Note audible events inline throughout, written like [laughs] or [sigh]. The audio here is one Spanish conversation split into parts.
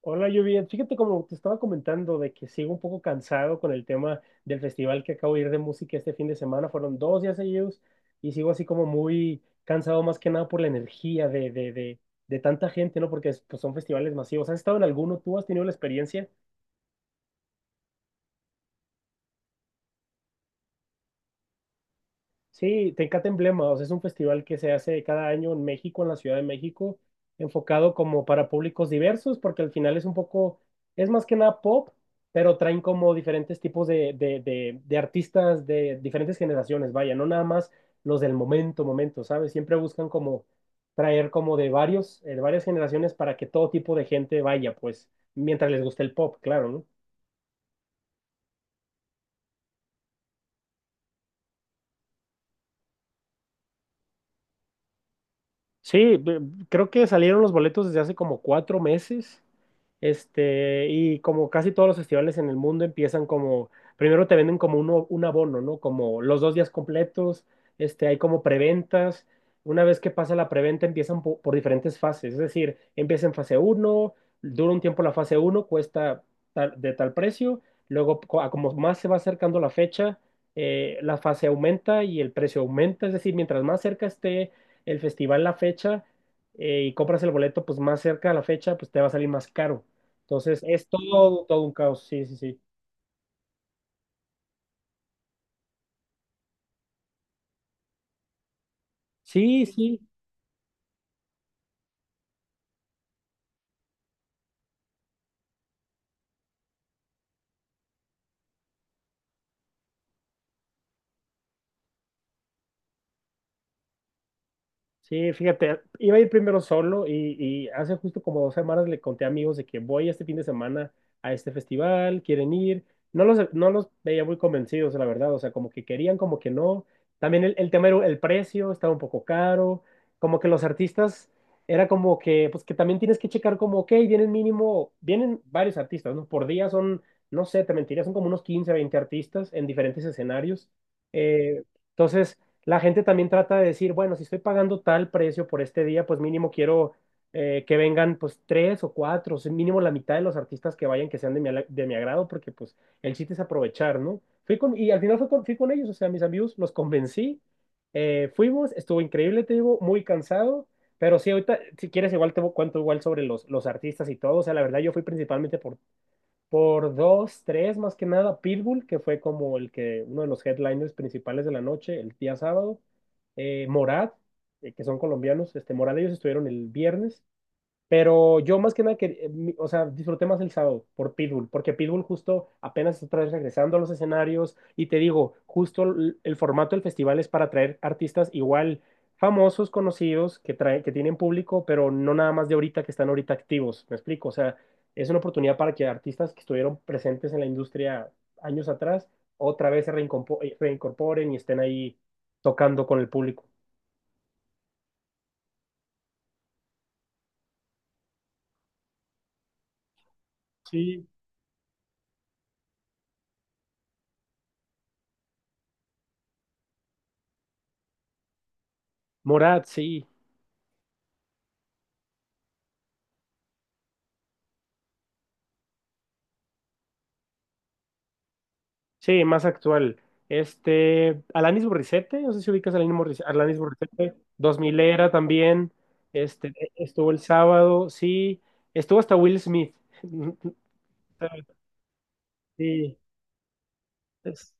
Hola, Lluvia. Fíjate como te estaba comentando de que sigo un poco cansado con el tema del festival que acabo de ir de música este fin de semana. Fueron 2 días seguidos y sigo así como muy cansado más que nada por la energía de tanta gente, ¿no? Porque pues, son festivales masivos. ¿Has estado en alguno? ¿Tú has tenido la experiencia? Sí, Tecate Emblema, o sea, es un festival que se hace cada año en México, en la Ciudad de México, enfocado como para públicos diversos, porque al final es un poco, es más que nada pop, pero traen como diferentes tipos de artistas de diferentes generaciones, vaya, no nada más los del momento, momento, ¿sabes? Siempre buscan como traer como de varios, de varias generaciones para que todo tipo de gente vaya, pues, mientras les guste el pop, claro, ¿no? Sí, creo que salieron los boletos desde hace como 4 meses. Este, y como casi todos los festivales en el mundo empiezan como, primero te venden como un abono, ¿no? Como los 2 días completos, este, hay como preventas. Una vez que pasa la preventa empiezan por, diferentes fases, es decir, empieza en fase uno dura un tiempo la fase uno cuesta de tal precio, luego a como más se va acercando la fecha, la fase aumenta y el precio aumenta, es decir, mientras más cerca esté el festival la fecha, y compras el boleto, pues más cerca a la fecha, pues te va a salir más caro. Entonces, es todo, todo un caos, sí, sí, sí. Sí, sí. Sí, fíjate, iba a ir primero solo y hace justo como 2 semanas le conté a amigos de que voy este fin de semana a este festival, quieren ir. No los veía muy convencidos, la verdad, o sea, como que querían, como que no. También el tema era el precio, estaba un poco caro, como que los artistas era como que, pues que también tienes que checar como, ok, vienen mínimo, vienen varios artistas, ¿no? Por día son, no sé, te mentiría, son como unos 15, 20 artistas en diferentes escenarios. Eh, entonces la gente también trata de decir, bueno, si estoy pagando tal precio por este día, pues mínimo quiero, que vengan pues tres o cuatro, o sea, mínimo la mitad de los artistas que vayan que sean de mi, de mi agrado, porque pues el chiste es aprovechar, ¿no? Y al final fui con ellos, o sea, mis amigos los convencí, fuimos, estuvo increíble, te digo, muy cansado, pero sí, ahorita, si quieres, igual te cuento igual sobre los artistas y todo, o sea, la verdad yo fui principalmente por dos, tres, más que nada, Pitbull, que fue como el que, uno de los headliners principales de la noche, el día sábado. Morat, que son colombianos, este, Morat ellos estuvieron el viernes. Pero yo más que nada, que, o sea, disfruté más el sábado por Pitbull, porque Pitbull justo apenas está otra vez regresando a los escenarios y te digo, justo el formato del festival es para traer artistas igual famosos, conocidos, que, trae, que tienen público, pero no nada más de ahorita que están ahorita activos, ¿me explico? O sea, es una oportunidad para que artistas que estuvieron presentes en la industria años atrás otra vez se reincorporen y estén ahí tocando con el público. Sí, Morat, sí. Sí, más actual. Este, Alanis Morissette, no sé si ubicas a Alanis Morissette, 2000 era también, este, estuvo el sábado, sí, estuvo hasta Will Smith. [laughs] Sí, es-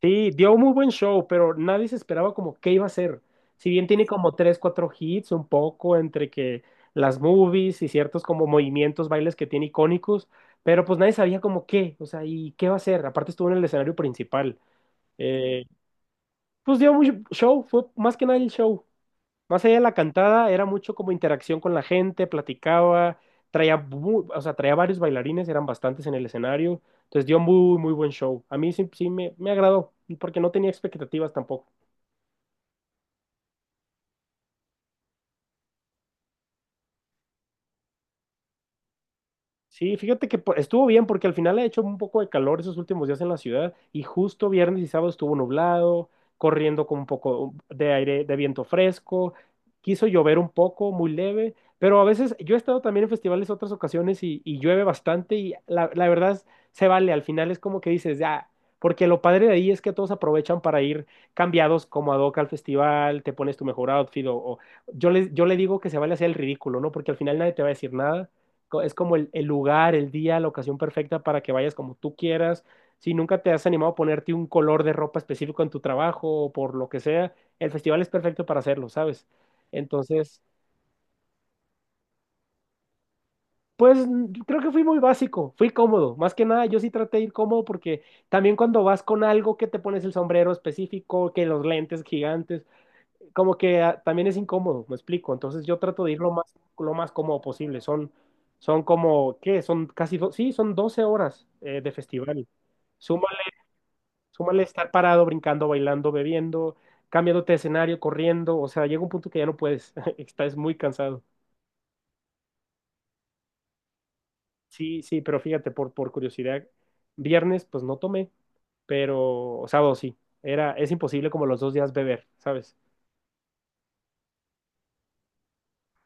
sí, dio un muy buen show, pero nadie se esperaba como qué iba a ser. Si bien tiene como tres, cuatro hits, un poco entre que las movies y ciertos como movimientos, bailes que tiene icónicos, pero pues nadie sabía como qué, o sea, y qué va a ser. Aparte estuvo en el escenario principal. eh, Pues dio mucho show, fue más que nada el show. Más allá de la cantada, era mucho como interacción con la gente, platicaba, traía, o sea, traía varios bailarines, eran bastantes en el escenario. Entonces dio muy, muy buen show. A mí sí, sí me agradó, porque no tenía expectativas tampoco. Sí, fíjate que estuvo bien porque al final ha hecho un poco de calor esos últimos días en la ciudad y justo viernes y sábado estuvo nublado, corriendo con un poco de aire, de viento fresco, quiso llover un poco, muy leve, pero a veces yo he estado también en festivales otras ocasiones y llueve bastante y la verdad se vale, al final es como que dices, ya, porque lo padre de ahí es que todos aprovechan para ir cambiados como ad hoc al festival, te pones tu mejor outfit yo le digo que se vale hacer el ridículo, ¿no? Porque al final nadie te va a decir nada, es como el lugar, el día, la ocasión perfecta para que vayas como tú quieras. Si nunca te has animado a ponerte un color de ropa específico en tu trabajo o por lo que sea, el festival es perfecto para hacerlo, ¿sabes? Entonces, pues creo que fui muy básico, fui cómodo. Más que nada, yo sí traté de ir cómodo porque también cuando vas con algo que te pones el sombrero específico, que los lentes gigantes, como que también es incómodo, me explico. Entonces yo trato de ir lo más cómodo posible. Son como, ¿qué? Son casi, sí, son 12 horas de festival. Súmale, súmale estar parado, brincando, bailando, bebiendo, cambiándote de escenario, corriendo. O sea, llega un punto que ya no puedes, [laughs] estás muy cansado. Sí, sí, pero fíjate, por curiosidad, viernes pues no tomé, pero sábado sí. Es imposible como los dos días beber, ¿sabes?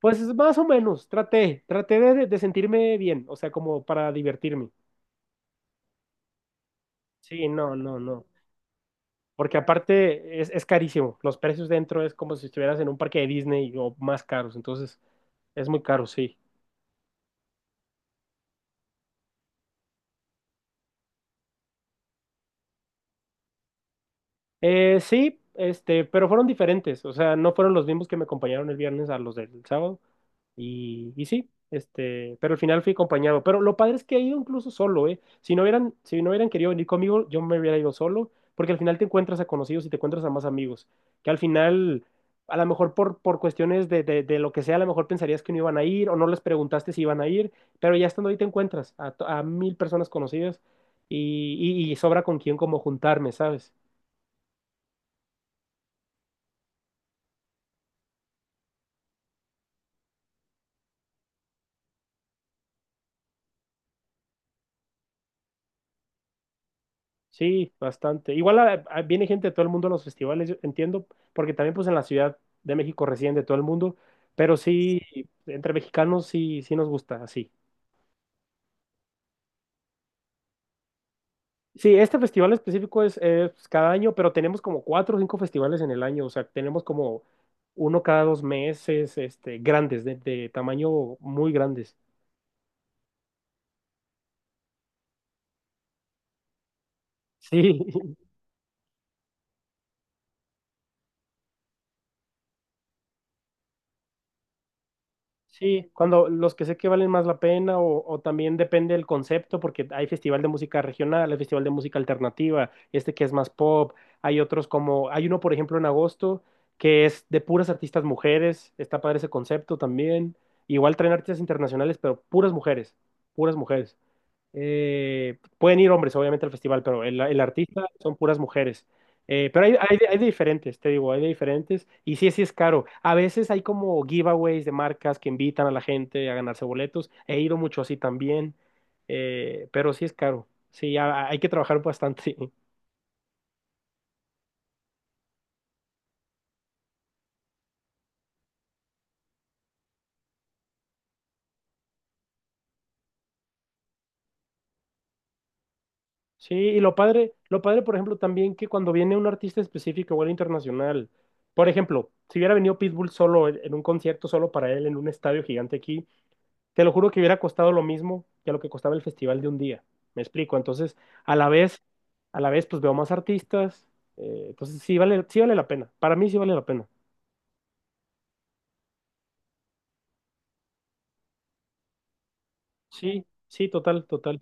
Pues más o menos, traté de sentirme bien, o sea, como para divertirme. Sí, no, no, no. Porque aparte es carísimo. Los precios dentro es como si estuvieras en un parque de Disney o más caros. Entonces, es muy caro, sí. Sí, este, pero fueron diferentes, o sea, no fueron los mismos que me acompañaron el viernes a los del sábado. Y sí, este, pero al final fui acompañado. Pero lo padre es que he ido incluso solo, ¿eh? Si no hubieran querido venir conmigo, yo me hubiera ido solo, porque al final te encuentras a conocidos y te encuentras a más amigos, que al final, a lo mejor por cuestiones de lo que sea, a lo mejor pensarías que no iban a ir o no les preguntaste si iban a ir, pero ya estando ahí te encuentras a, a 1000 personas conocidas y, y sobra con quién como juntarme, ¿sabes? Sí, bastante. Igual viene gente de todo el mundo a los festivales, yo entiendo, porque también pues en la Ciudad de México residen de todo el mundo, pero sí, entre mexicanos sí, sí nos gusta, así. Sí, este festival específico es pues, cada año, pero tenemos como cuatro o cinco festivales en el año, o sea, tenemos como uno cada 2 meses, este, grandes, de tamaño muy grandes. Sí, [laughs] Sí, cuando los que sé que valen más la pena o también depende del concepto, porque hay festival de música regional, hay festival de música alternativa, este que es más pop, hay otros como, hay uno por ejemplo en agosto que es de puras artistas mujeres, está padre ese concepto también, igual traen artistas internacionales, pero puras mujeres, puras mujeres. Pueden ir hombres, obviamente, al festival, pero el artista son puras mujeres. Pero hay de diferentes, te digo, hay de diferentes. Y sí, sí es caro. A veces hay como giveaways de marcas que invitan a la gente a ganarse boletos. He ido mucho así también, pero sí es caro. Sí, hay que trabajar bastante. [laughs] Sí, y lo padre, por ejemplo, también que cuando viene un artista específico o el internacional, por ejemplo, si hubiera venido Pitbull solo en un concierto solo para él en un estadio gigante aquí, te lo juro que hubiera costado lo mismo que lo que costaba el festival de un día. Me explico. Entonces, a la vez, a la vez, pues veo más artistas. Entonces, sí vale, sí vale la pena. Para mí sí vale la pena. Sí, sí, total, total.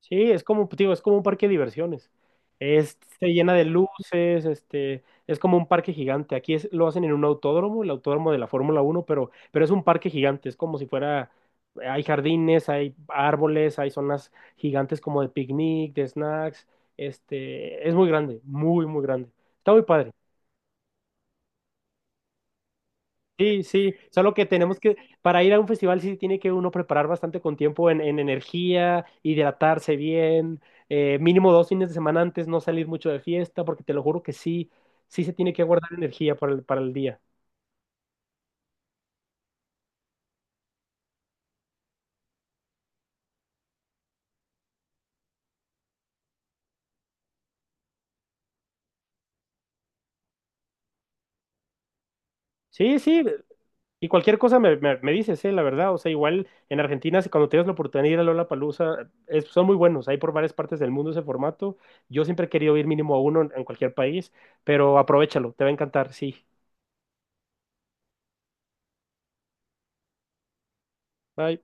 Sí, es como, digo, es como un parque de diversiones. Se llena de luces, este, es como un parque gigante. Aquí es, lo hacen en un autódromo, el autódromo de la Fórmula Uno, pero es un parque gigante, es como si fuera, hay jardines, hay árboles, hay zonas gigantes como de picnic, de snacks, este, es muy grande, muy, muy grande. Está muy padre. Sí, sí, solo que tenemos que, para ir a un festival sí tiene que uno preparar bastante con tiempo en energía, hidratarse bien, Mínimo 2 fines de semana antes, no salir mucho de fiesta, porque te lo juro que sí, sí se tiene que guardar energía para el día. Sí, sí, y cualquier cosa me dices, la verdad, o sea, igual en Argentina, si cuando tienes la oportunidad de ir a Lollapalooza, son muy buenos, hay por varias partes del mundo ese formato, yo siempre he querido ir mínimo a uno en cualquier país, pero aprovéchalo, te va a encantar, sí. Bye.